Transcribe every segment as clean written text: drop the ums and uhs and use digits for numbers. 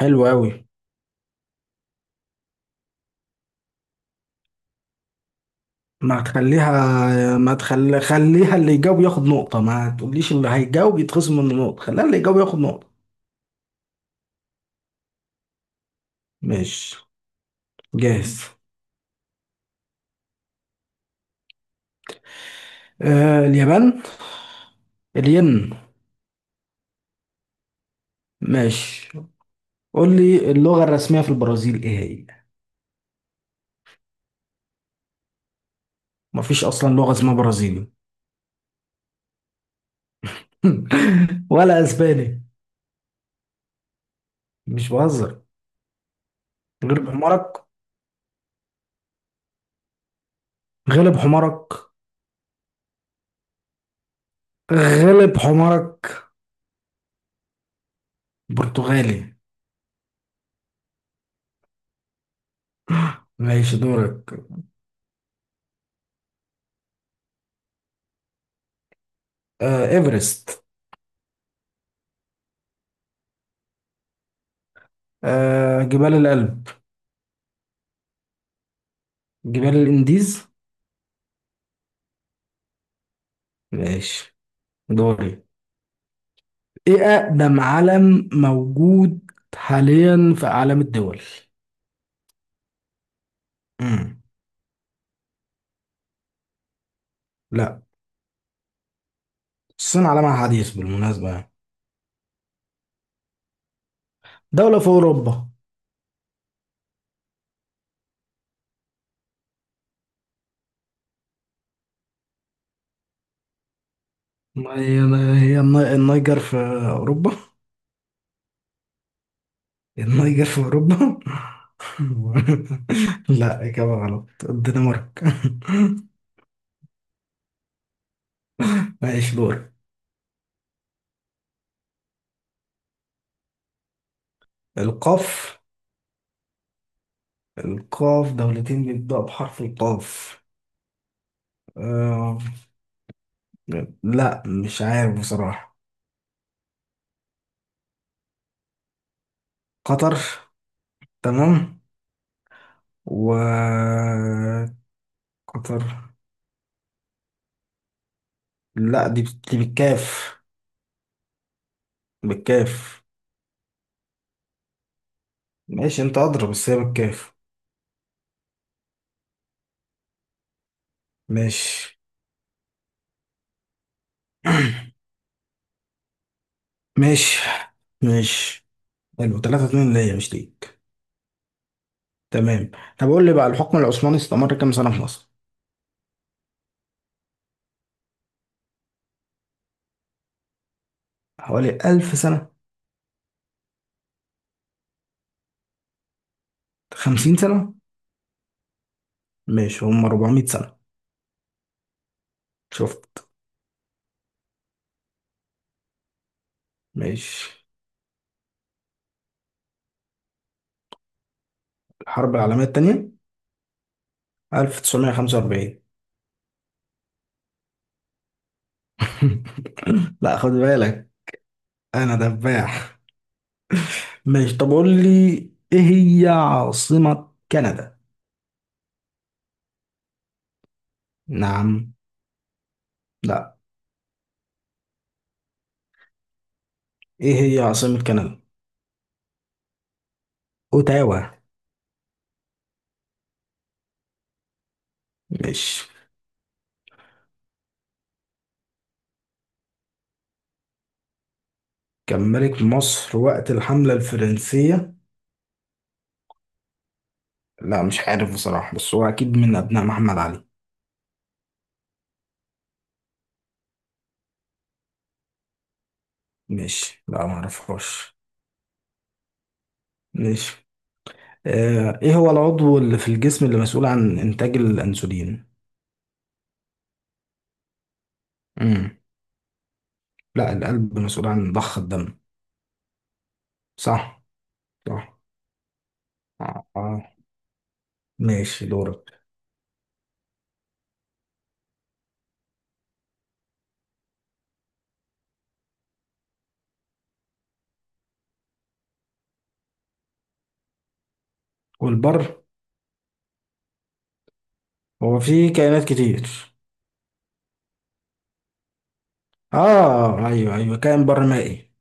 حلو قوي. ما تخليها ما تخلي خليها اللي يجاوب ياخد نقطة، ما تقوليش اللي هيجاوب يتخصم منه نقطة، خليها اللي يجاوب ياخد نقطة. ماشي. جاهز. آه، اليابان. الين. ماشي. قول لي، اللغة الرسمية في البرازيل ايه هي؟ مفيش اصلا لغة اسمها برازيلي. ولا اسباني. مش بهزر. غلب حمارك. غلب حمارك. غلب حمارك. برتغالي. ماشي دورك. آه، ايفرست. آه، جبال الألب. جبال الانديز. ماشي. دوري. ايه اقدم علم موجود حاليا في اعلام الدول؟ مم. لا. الصين علمها حديث بالمناسبة يعني. دولة في اوروبا. ما هي، هي النيجر في اوروبا؟ النيجر في اوروبا؟ لا، اجابة غلط، الدنمارك. ماشي دور. القاف. القاف، دولتين بيبدأوا بحرف القاف. آه، لا، مش عارف بصراحة. قطر. تمام. و. قطر. لا، دي بالكاف. بالكاف. ماشي، انت اضرب بس هي بالكاف. ماشي. ماشي. ماشي. حلو، 3 2 ليا مش ليك. تمام. طب قول لي بقى، الحكم العثماني استمر كام سنة في مصر؟ حوالي 1000 سنة. 50 سنة. ماشي، هم 400 سنة. شفت. ماشي. الحرب العالمية التانية، 1945. لا خد بالك، انا دباح. ماشي طب قول لي، ايه هي عاصمة كندا؟ نعم. لا. ايه هي عاصمة كندا؟ اوتاوا. ماشي. كان ملك مصر وقت الحملة الفرنسية؟ لا مش عارف بصراحة، بس هو اكيد من ابناء محمد علي. ماشي، لا ما اعرفهاش. ماشي. آه، ايه هو العضو اللي في الجسم اللي مسؤول عن انتاج الانسولين؟ امم. لا، القلب مسؤول عن ضخ الدم. صح. صح. آه. آه. ماشي دورك. والبر. هو في كائنات كتير. اه ايوه ايوه، كائن برمائي.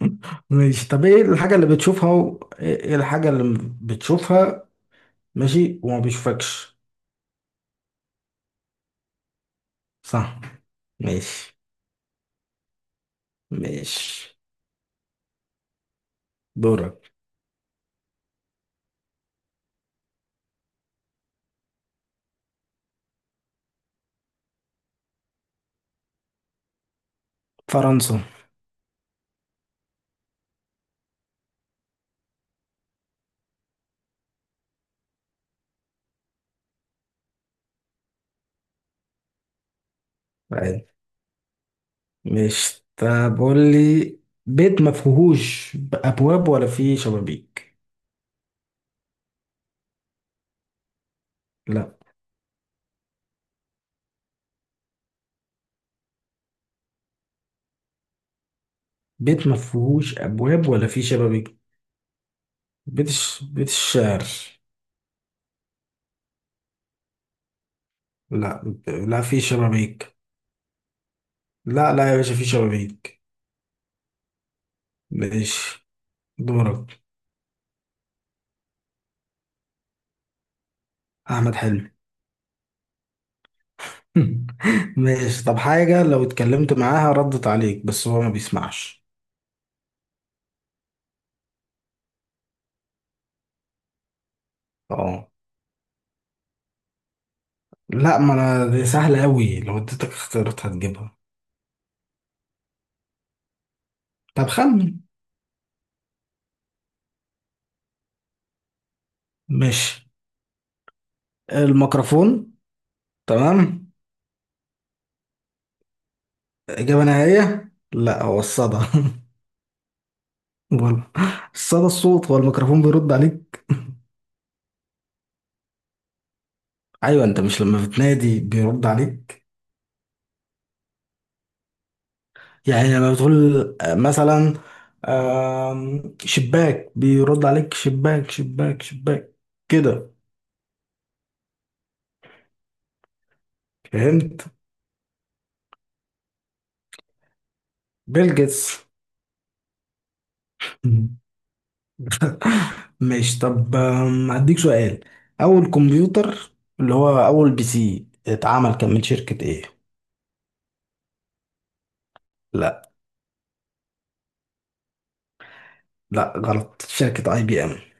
ماشي طب، ايه الحاجة اللي بتشوفها و... ايه إيه الحاجة اللي بتشوفها ماشي وما بيشوفكش؟ صح. ماشي. ماشي دورك. فرنسا. عادي. ماشي طب قول لي، بيت ما فيهوش ابواب ولا فيه شبابيك. لا. بيت ما فيهوش ابواب ولا فيه شبابيك. بيت الشعر. لا. لا فيه شبابيك. لا لا يا باشا، فيه شبابيك. ماشي. دورك. احمد حلمي. ماشي طب، حاجة لو اتكلمت معاها ردت عليك بس هو ما بيسمعش. اه. لا ما انا دي سهلة قوي، لو اديتك اختيارات هتجيبها. طب خمن. ماشي. الميكروفون. تمام. إجابة نهائية؟ لا، هو الصدى. غلط. الصدى، الصوت، هو الميكروفون بيرد عليك. ايوه، انت مش لما بتنادي بيرد عليك؟ يعني لما بتقول آه مثلا، شباك، بيرد عليك شباك شباك شباك، كده. فهمت. بيل جيتس. ماشي طب، هديك سؤال. اول كمبيوتر اللي هو اول بي سي اتعمل كان من شركة ايه؟ لا. لا غلط، شركة اي بي ام.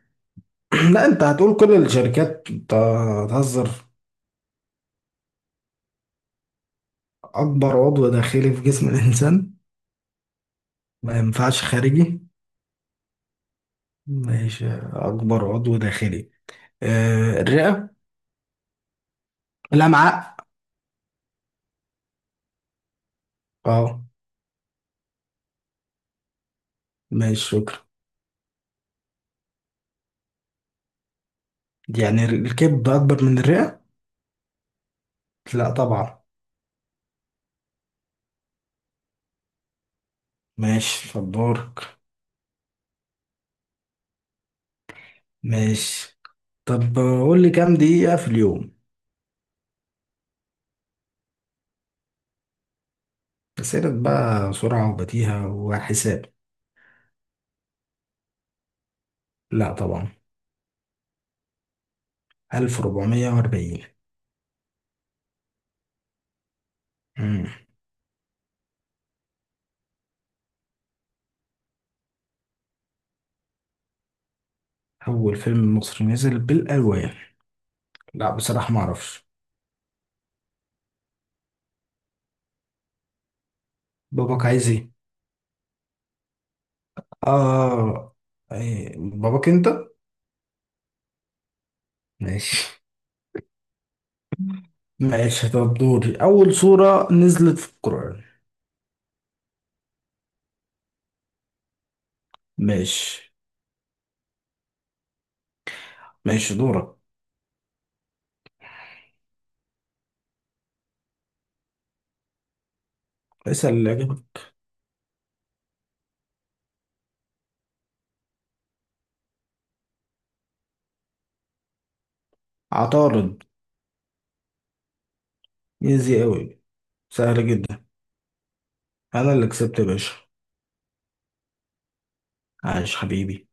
لا انت هتقول كل الشركات، انت هتهزر. اكبر عضو داخلي في جسم الانسان؟ ما ينفعش خارجي. ماشي، اكبر عضو داخلي. آه، الرئة. الامعاء. اه. ماشي شكرا. يعني الكبد اكبر من الرئة؟ لا طبعا. ماشي فدورك. ماشي طب قول لي، كام دقيقة في اليوم؟ أسئلة بقى سرعة وبديهة وحساب. لا طبعا. 1440. مم. أول فيلم مصري نزل بالألوان. لا بصراحة ما أعرفش. باباك عايز إيه؟ آه. إيه، باباك أنت؟ ماشي. ماشي طب دوري، أول سورة نزلت في القرآن. ماشي. ماشي دورك. اسأل اللي يعجبك. عطارد. إيزي أوي. سهل جدا. أنا اللي كسبت يا باشا. عايش حبيبي.